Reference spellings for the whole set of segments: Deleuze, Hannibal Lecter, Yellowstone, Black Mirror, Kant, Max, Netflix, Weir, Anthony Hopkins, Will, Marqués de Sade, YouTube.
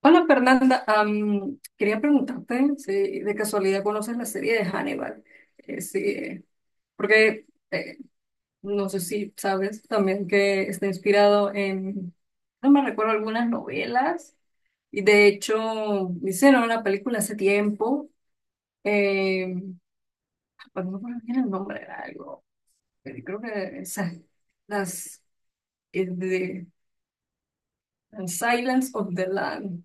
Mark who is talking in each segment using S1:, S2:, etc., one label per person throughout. S1: Hola Fernanda, quería preguntarte si de casualidad conoces la serie de Hannibal. Sí, porque eh, no sé si sabes también que está inspirado en, no me recuerdo, algunas novelas y de hecho hicieron una película hace tiempo, eh, pues no recuerdo bien el nombre, era algo, eh, creo que esa- las de Silence of the Land.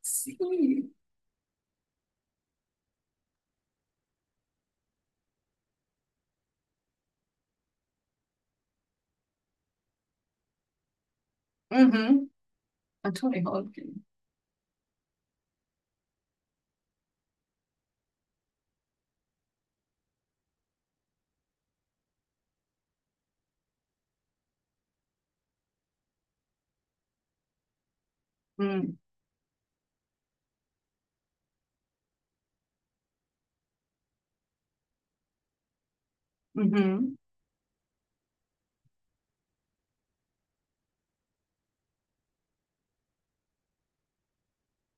S1: Sí. Ujú. Anthony Hopkins. Mm. Ujú.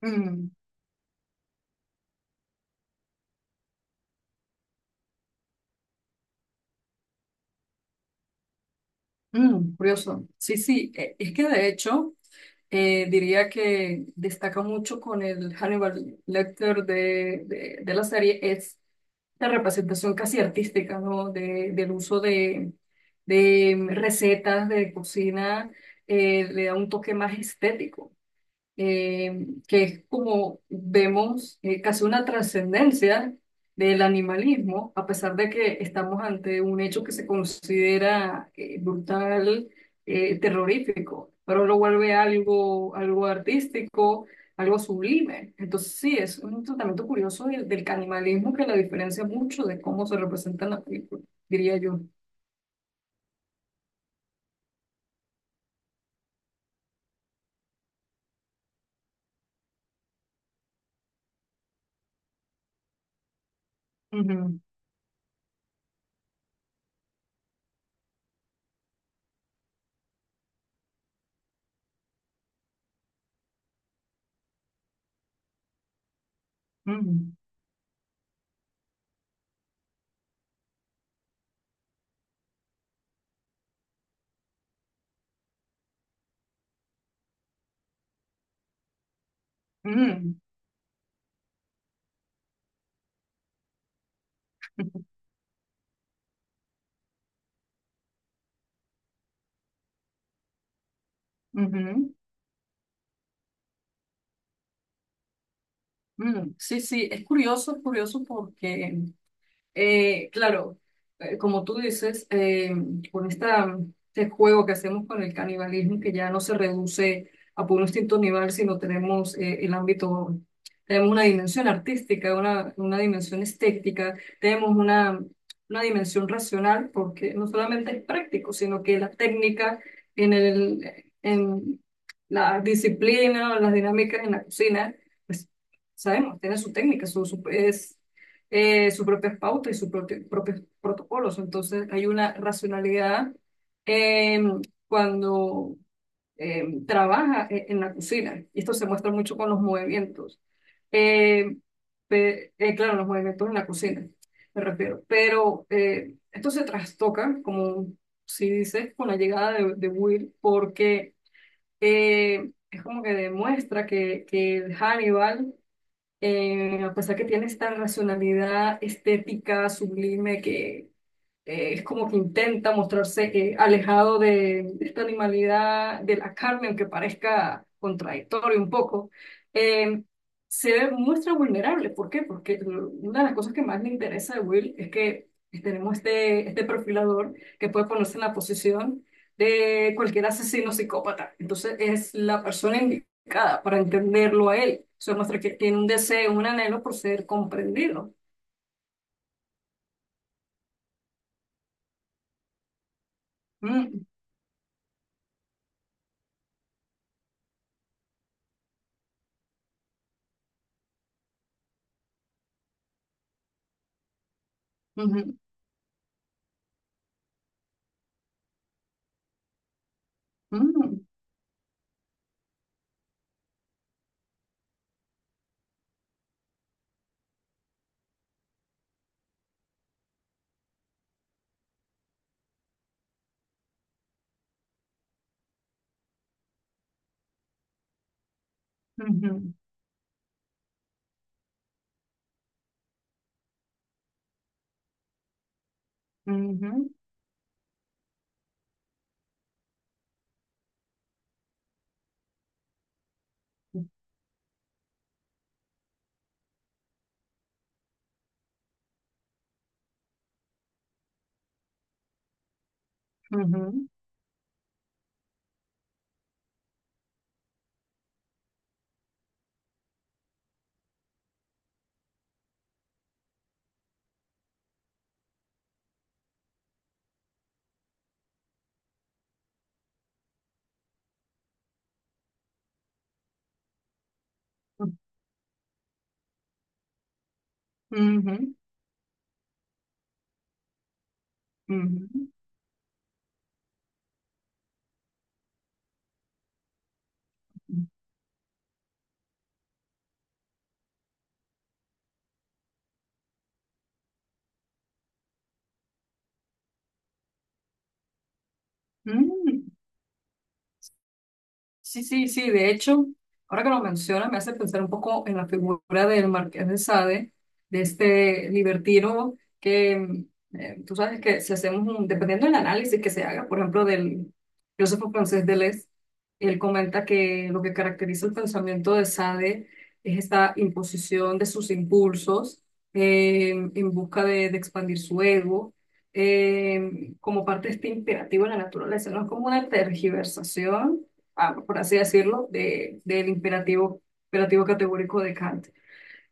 S1: Mm. Curioso. Sí, sí, es que de hecho diría que destaca mucho con el Hannibal Lecter de la serie es la representación casi artística, ¿no? Del uso de recetas de cocina. Le da un toque más estético. Que es como vemos casi una trascendencia del animalismo, a pesar de que estamos ante un hecho que se considera brutal, terrorífico, pero lo vuelve algo, algo artístico, algo sublime. Entonces sí, es un tratamiento curioso del canibalismo que la diferencia mucho de cómo se representa en la película, diría yo. Ujú. Ujú. Ujú. Ujú. Ujú. Mm, sí, sí, es curioso porque claro, como tú dices, con esta, este juego que hacemos con el canibalismo, que ya no se reduce a puro instinto animal, sino tenemos el ámbito, tenemos una dimensión artística, una dimensión estética, tenemos una dimensión racional, porque no solamente es práctico, sino que la técnica en la disciplina, las dinámicas en la cocina, pues sabemos, tiene su técnica, su- es sus propias pautas y sus propios protocolos. Entonces, hay una racionalidad eh, cuando trabaja en la cocina. Y esto se muestra mucho con los movimientos. Eh, claro, los movimientos en la cocina, me refiero. Pero esto se trastoca, como si dices, con la llegada de Will, porque es como que demuestra que Hannibal a pesar que tiene esta racionalidad estética sublime que, es como que intenta mostrarse alejado de esta animalidad de la carne, aunque parezca contradictorio un poco, eh, se muestra vulnerable. ¿Por qué? Porque una de las cosas que más me interesa de Will es que tenemos este perfilador que puede ponerse en la posición de cualquier asesino psicópata. Entonces es la persona indicada para entenderlo a él. Eso muestra que tiene un deseo, un anhelo por ser comprendido. Mm. Ujú. Mm. Ujú. Ujú. Ujú. Ujú. Ujú. Ujú. Mm, sí, sí, sí, de hecho, ahora que lo menciona me hace pensar un poco en la figura del Marqués de Sade, de este libertino que tú sabes que si hacemos un, dependiendo del análisis que se haga, por ejemplo, del filósofo francés Deleuze, él comenta que lo que caracteriza el pensamiento de Sade es esta imposición de sus impulsos en busca de expandir su ego. Como parte de este imperativo de la naturaleza, no es como una tergiversación, ah, por así decirlo, del imperativo, categórico de Kant.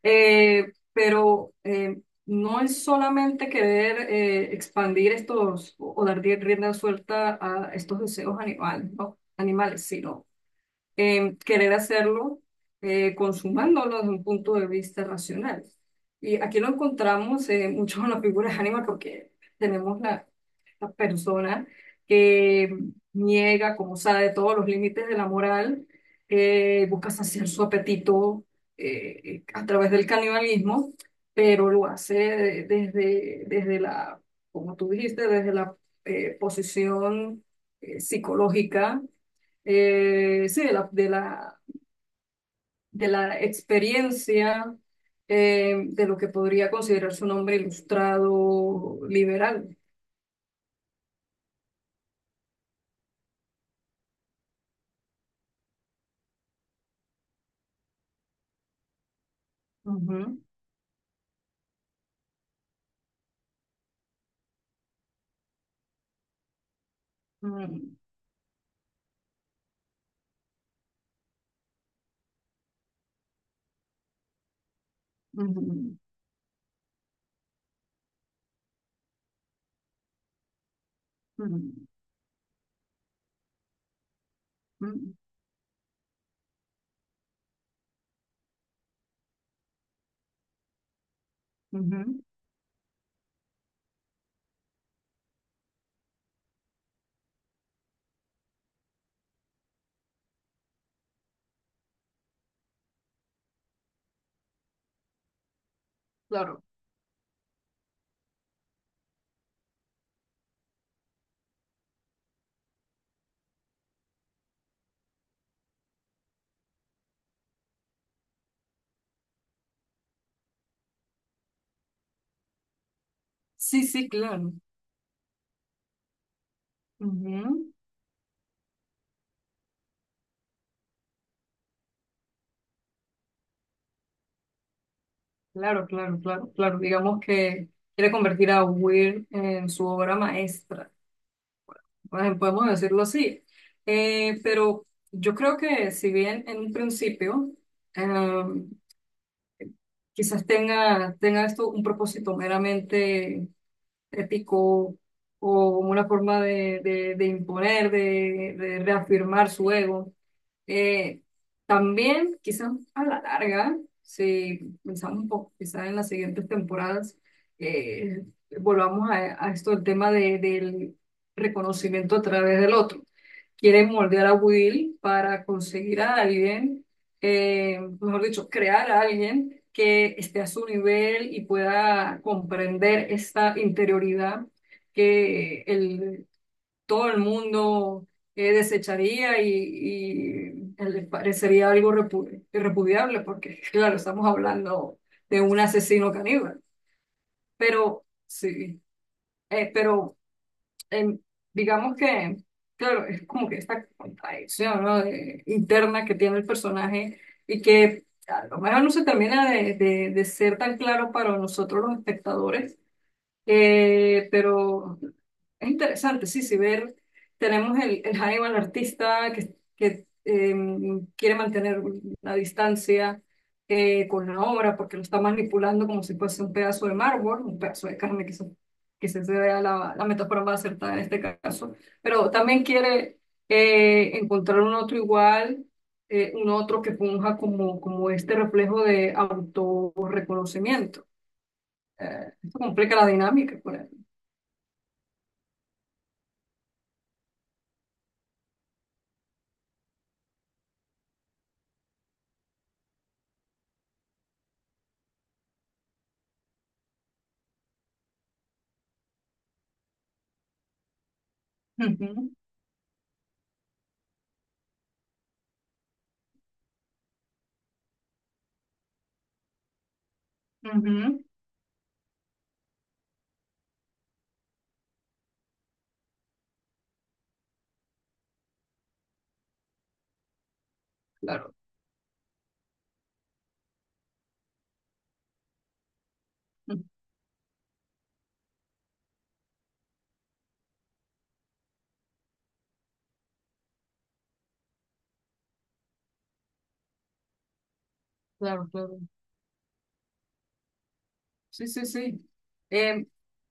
S1: Pero no es solamente querer expandir estos o dar rienda suelta a estos deseos animales, ¿no? Animales, sino querer hacerlo consumándolo desde un punto de vista racional. Y aquí lo encontramos mucho en las figuras de ánima porque tenemos la persona que niega, como sabe, todos los límites de la moral, busca saciar su apetito a través del canibalismo, pero lo hace desde, desde la, como tú dijiste, desde la posición psicológica sí, de la experiencia de lo que podría considerarse un hombre ilustrado liberal. Ujú. Ujú. Ujú. Ujú. Ujú. Ujú. Claro. Sí, sí, claro. Ujú. Claro, claro, claro, claro. Digamos que quiere convertir a Weir en su obra maestra. Bueno, podemos decirlo así. Pero yo creo que si bien en un principio em, quizás tenga esto un propósito meramente ético o una forma de imponer, de reafirmar su ego. Eh, También, quizás a la larga, si pensamos un poco, quizás en las siguientes temporadas, eh, volvamos a esto, el tema del reconocimiento a través del otro. Quieren moldear a Will para conseguir a alguien, mejor dicho, crear a alguien que esté a su nivel y pueda comprender esta interioridad que todo el mundo desecharía y, le parecería algo irrepudiable, porque claro, estamos hablando de un asesino caníbal, pero sí, eh, pero em, digamos que, claro, es como que esta contradicción, ¿no? Interna que tiene el personaje y que a lo mejor no se termina de ser tan claro para nosotros los espectadores, pero es interesante, sí, sí, ver, tenemos el Hannibal artista que quiere mantener la distancia con la obra porque lo está manipulando como si fuese un pedazo de mármol, un pedazo de carne, quizás sea la metáfora más acertada en este caso, pero también quiere encontrar un otro igual, un otro que funja como este reflejo de autorreconocimiento. Esto complica la dinámica, pues. Ujú. Ujú. Claro. Ujú. Claro, claro. Sí, sí, sí. Eh,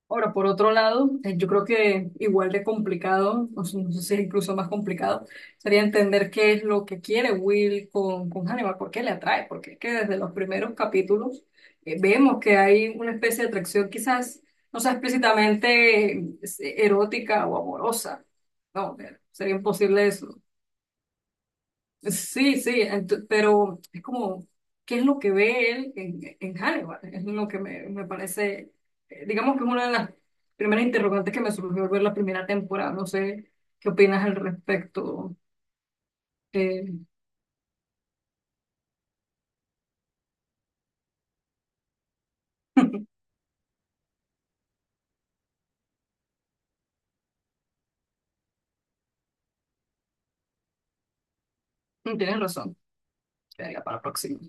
S1: Ahora, por otro lado, yo creo que igual de complicado, o sea, no sé si es incluso más complicado, sería entender qué es lo que quiere Will con Hannibal, por qué le atrae, porque es que desde los primeros capítulos vemos que hay una especie de atracción quizás, no sea explícitamente erótica o amorosa. No, sería imposible eso. Sí, sí, pero es como, ¿qué es lo que ve él en Hannibal? Es lo que me parece, digamos que es una de las primeras interrogantes que me surgió al ver la primera temporada. No sé qué opinas al respecto. Eh, Tienes razón, quedaría para la próxima.